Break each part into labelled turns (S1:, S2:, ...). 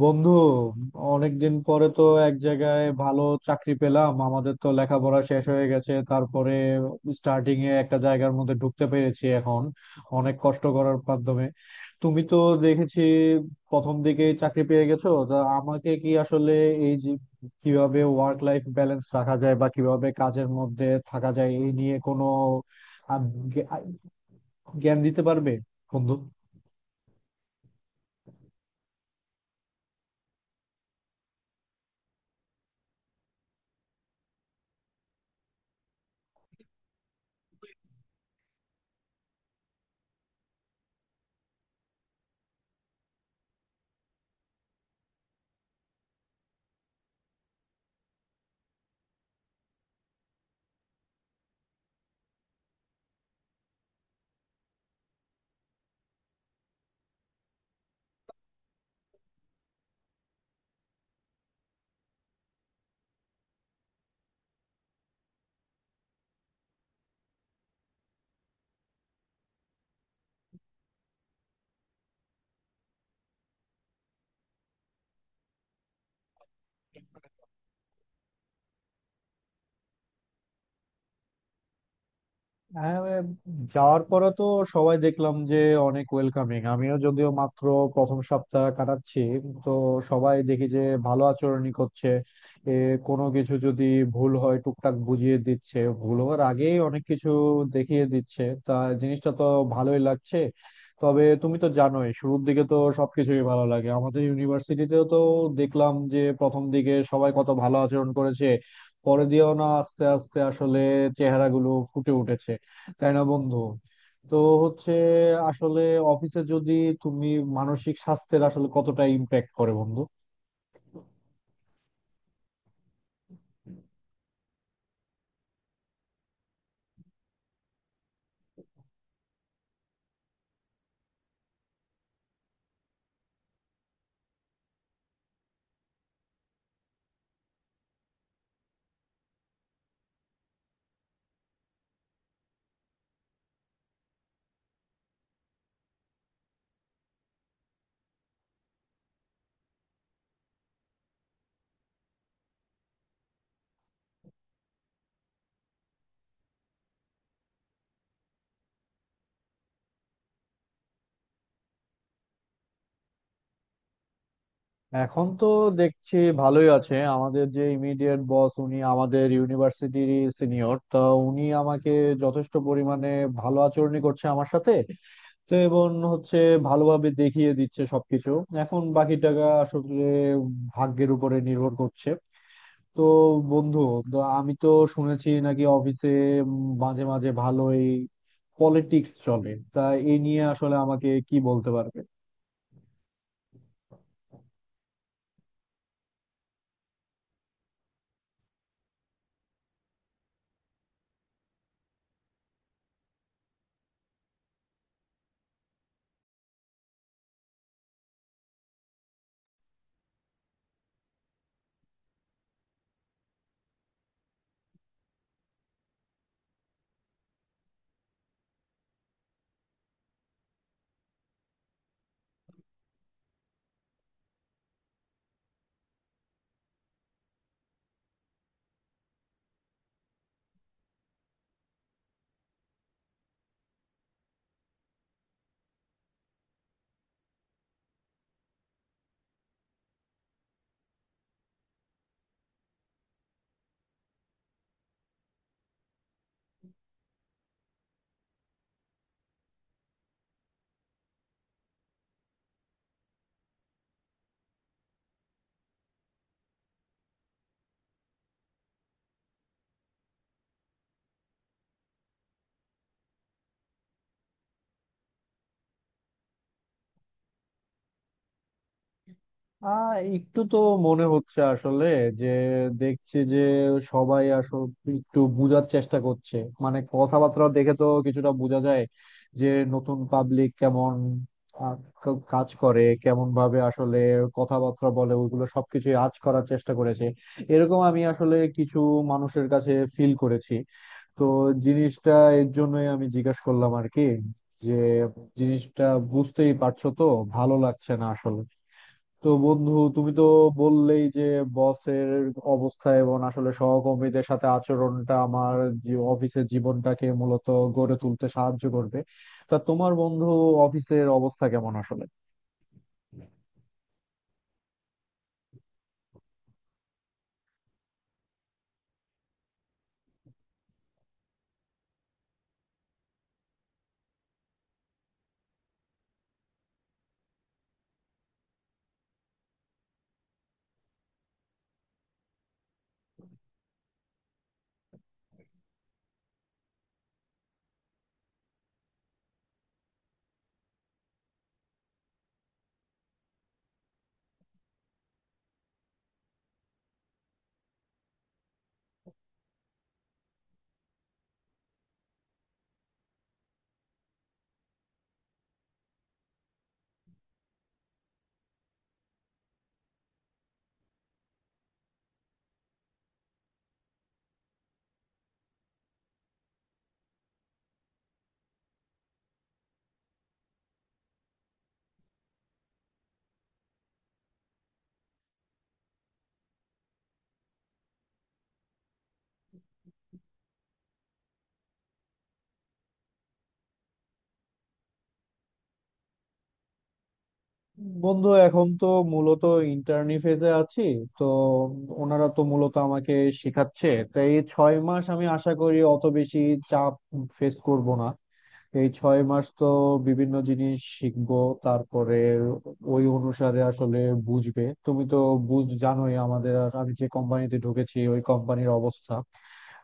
S1: বন্ধু, অনেকদিন পরে তো এক জায়গায় ভালো চাকরি পেলাম। আমাদের তো লেখাপড়া শেষ হয়ে গেছে, তারপরে স্টার্টিং এ একটা জায়গার মধ্যে ঢুকতে পেরেছি এখন অনেক কষ্ট করার মাধ্যমে। তুমি তো দেখেছি প্রথম দিকে চাকরি পেয়ে গেছো, তা আমাকে কি আসলে এই যে কিভাবে ওয়ার্ক লাইফ ব্যালেন্স রাখা যায় বা কিভাবে কাজের মধ্যে থাকা যায় এই নিয়ে কোনো আহ, জ্ঞা- জ্ঞান দিতে পারবে বন্ধু? হ্যাঁ, যাওয়ার পরে তো সবাই দেখলাম যে অনেক ওয়েলকামিং। আমিও যদিও মাত্র প্রথম সপ্তাহ কাটাচ্ছি, তো সবাই দেখি যে ভালো আচরণই করছে। এ কোনো কিছু যদি ভুল হয় টুকটাক বুঝিয়ে দিচ্ছে, ভুল হওয়ার আগেই অনেক কিছু দেখিয়ে দিচ্ছে। তা জিনিসটা তো ভালোই লাগছে। তবে তুমি তো জানোই শুরুর দিকে তো সবকিছুই ভালো লাগে, আমাদের ইউনিভার্সিটিতেও তো দেখলাম যে প্রথম দিকে সবাই কত ভালো আচরণ করেছে, পরে দিয়েও না আস্তে আস্তে আসলে চেহারাগুলো ফুটে উঠেছে। তাই না বন্ধু? তো হচ্ছে আসলে অফিসে যদি তুমি মানসিক স্বাস্থ্যের আসলে কতটা ইম্প্যাক্ট করে বন্ধু? এখন তো দেখছি ভালোই আছে। আমাদের যে ইমিডিয়েট বস, উনি আমাদের ইউনিভার্সিটির সিনিয়র, তো উনি আমাকে যথেষ্ট পরিমাণে ভালো আচরণই করছে আমার সাথে। তো এবং হচ্ছে ভালোভাবে দেখিয়ে দিচ্ছে সবকিছু। এখন বাকি টাকা আসলে ভাগ্যের উপরে নির্ভর করছে। তো বন্ধু, তো আমি তো শুনেছি নাকি অফিসে মাঝে মাঝে ভালোই পলিটিক্স চলে, তা এই নিয়ে আসলে আমাকে কি বলতে পারবে? একটু তো মনে হচ্ছে আসলে যে দেখছি যে সবাই আসলে একটু বোঝার চেষ্টা করছে। মানে কথাবার্তা দেখে তো কিছুটা বোঝা যায় যে নতুন পাবলিক কেমন, আহ, কাজ করে কেমন ভাবে, আসলে কথাবার্তা বলে ওইগুলো সবকিছু আঁচ করার চেষ্টা করেছে। এরকম আমি আসলে কিছু মানুষের কাছে ফিল করেছি। তো জিনিসটা এর জন্যই আমি জিজ্ঞাসা করলাম আর কি, যে জিনিসটা বুঝতেই পারছো তো, ভালো লাগছে না আসলে। তো বন্ধু, তুমি তো বললেই যে বসের অবস্থা এবং আসলে সহকর্মীদের সাথে আচরণটা আমার অফিসের জীবনটাকে মূলত গড়ে তুলতে সাহায্য করবে। তা তোমার বন্ধু অফিসের অবস্থা কেমন আসলে? বন্ধু এখন তো মূলত ইন্টার্নি ফেজে আছি। তো ওনারা তো মূলত আমাকে শেখাচ্ছে, তাই এই 6 মাস আমি আশা করি অত বেশি চাপ ফেস করব না। এই 6 মাস তো বিভিন্ন জিনিস শিখবো, তারপরে ওই অনুসারে আসলে বুঝবে। তুমি তো বুঝ জানোই আমাদের আমি যে কোম্পানিতে ঢুকেছি ওই কোম্পানির অবস্থা।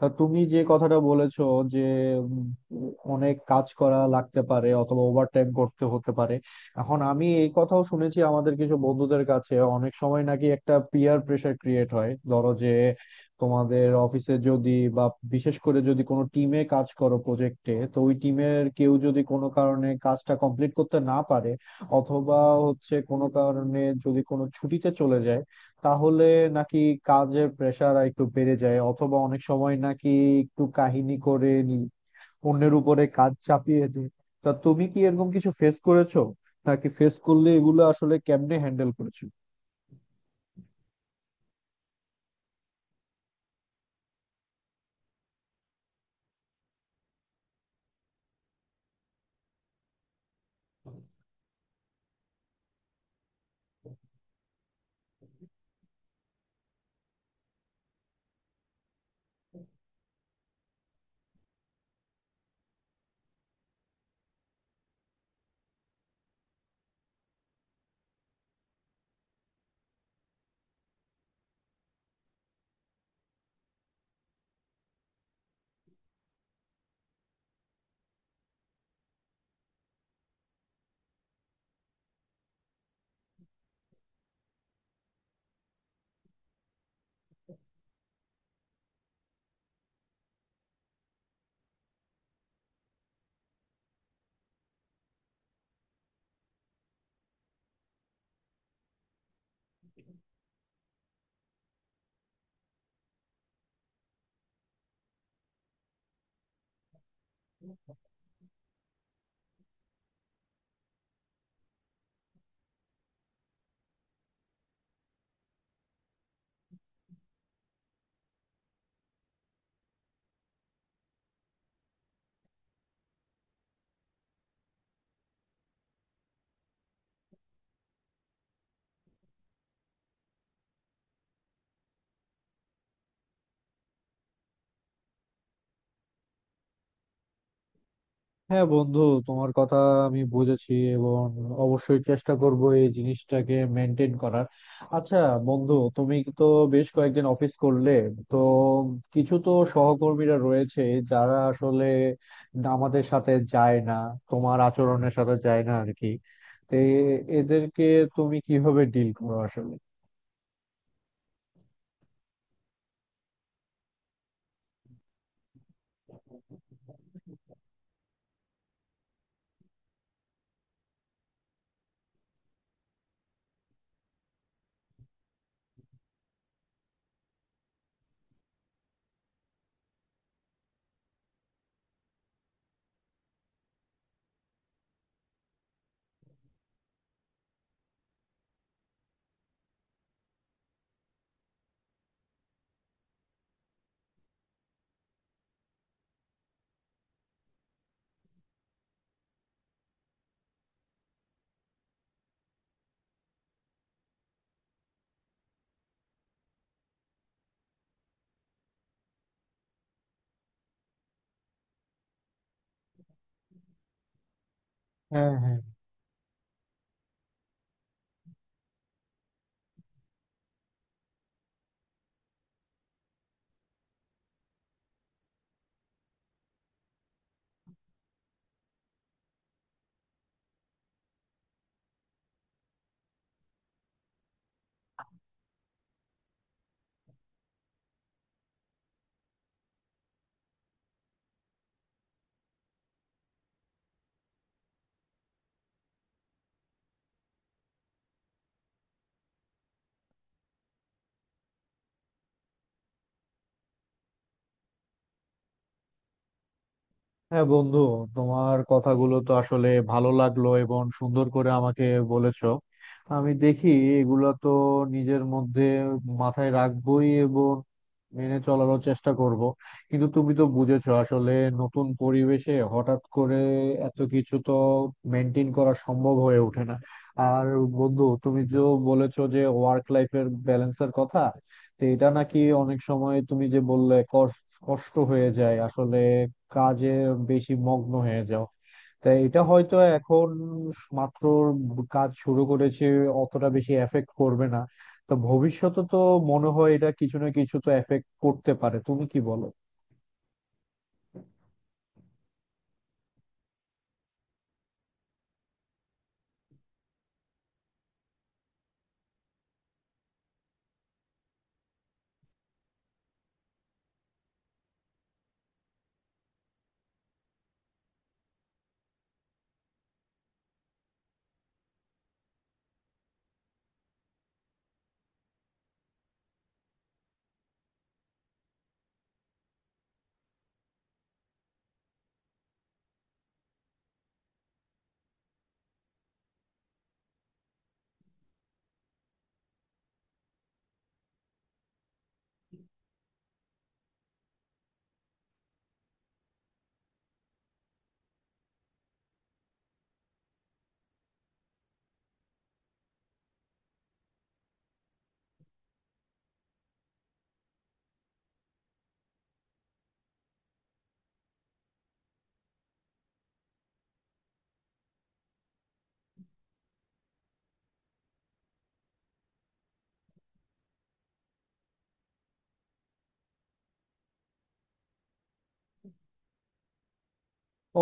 S1: তা তুমি যে কথাটা বলেছো যে উম, অনেক কাজ করা লাগতে পারে অথবা ওভারটাইম করতে হতে পারে। এখন আমি এই কথাও শুনেছি আমাদের কিছু বন্ধুদের কাছে, অনেক সময় নাকি একটা পিয়ার প্রেসার ক্রিয়েট হয়। ধরো যে তোমাদের অফিসে যদি, বা বিশেষ করে যদি কোনো টিমে কাজ করো প্রজেক্টে, তো ওই টিমের কেউ যদি কোনো কারণে কাজটা কমপ্লিট করতে না পারে অথবা হচ্ছে কোনো কারণে যদি কোনো ছুটিতে চলে যায়, তাহলে নাকি কাজের প্রেসার একটু বেড়ে যায়, অথবা অনেক সময় নাকি একটু কাহিনী করে নি অন্যের উপরে কাজ চাপিয়ে দেয়। তা তুমি কি এরকম কিছু ফেস করেছো? নাকি ফেস করলে এগুলো আসলে কেমনে হ্যান্ডেল করেছো? হ্যাঁ বন্ধু, তোমার কথা আমি বুঝেছি এবং অবশ্যই চেষ্টা করব এই জিনিসটাকে মেনটেন করার। আচ্ছা বন্ধু, তুমি তো বেশ কয়েকদিন অফিস করলে, তো কিছু তো সহকর্মীরা রয়েছে যারা আসলে আমাদের সাথে যায় না, তোমার আচরণের সাথে যায় না আর কি। তো এদেরকে তুমি কিভাবে ডিল করো আসলে? হ্যাঁ, হ্যাঁ। হ্যাঁ বন্ধু, তোমার কথাগুলো তো আসলে ভালো লাগলো এবং সুন্দর করে আমাকে বলেছো। আমি দেখি এগুলা তো নিজের মধ্যে মাথায় রাখবোই এবং মেনে চলারও চেষ্টা করব। কিন্তু তুমি তো বুঝেছো আসলে নতুন পরিবেশে হঠাৎ করে এত কিছু তো মেনটেন করা সম্ভব হয়ে ওঠে না। আর বন্ধু তুমি যে বলেছো যে ওয়ার্ক লাইফের ব্যালেন্সের কথা, তো এটা নাকি অনেক সময় তুমি যে বললে কষ্ট কষ্ট হয়ে যায় আসলে কাজে বেশি মগ্ন হয়ে যাও। তাই এটা হয়তো এখন মাত্র কাজ শুরু করেছে অতটা বেশি এফেক্ট করবে না, তো ভবিষ্যতে তো মনে হয় এটা কিছু না কিছু তো এফেক্ট করতে পারে। তুমি কি বলো?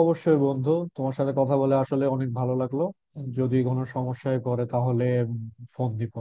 S1: অবশ্যই বন্ধু, তোমার সাথে কথা বলে আসলে অনেক ভালো লাগলো। যদি কোনো সমস্যায় পড়ে তাহলে ফোন দিব।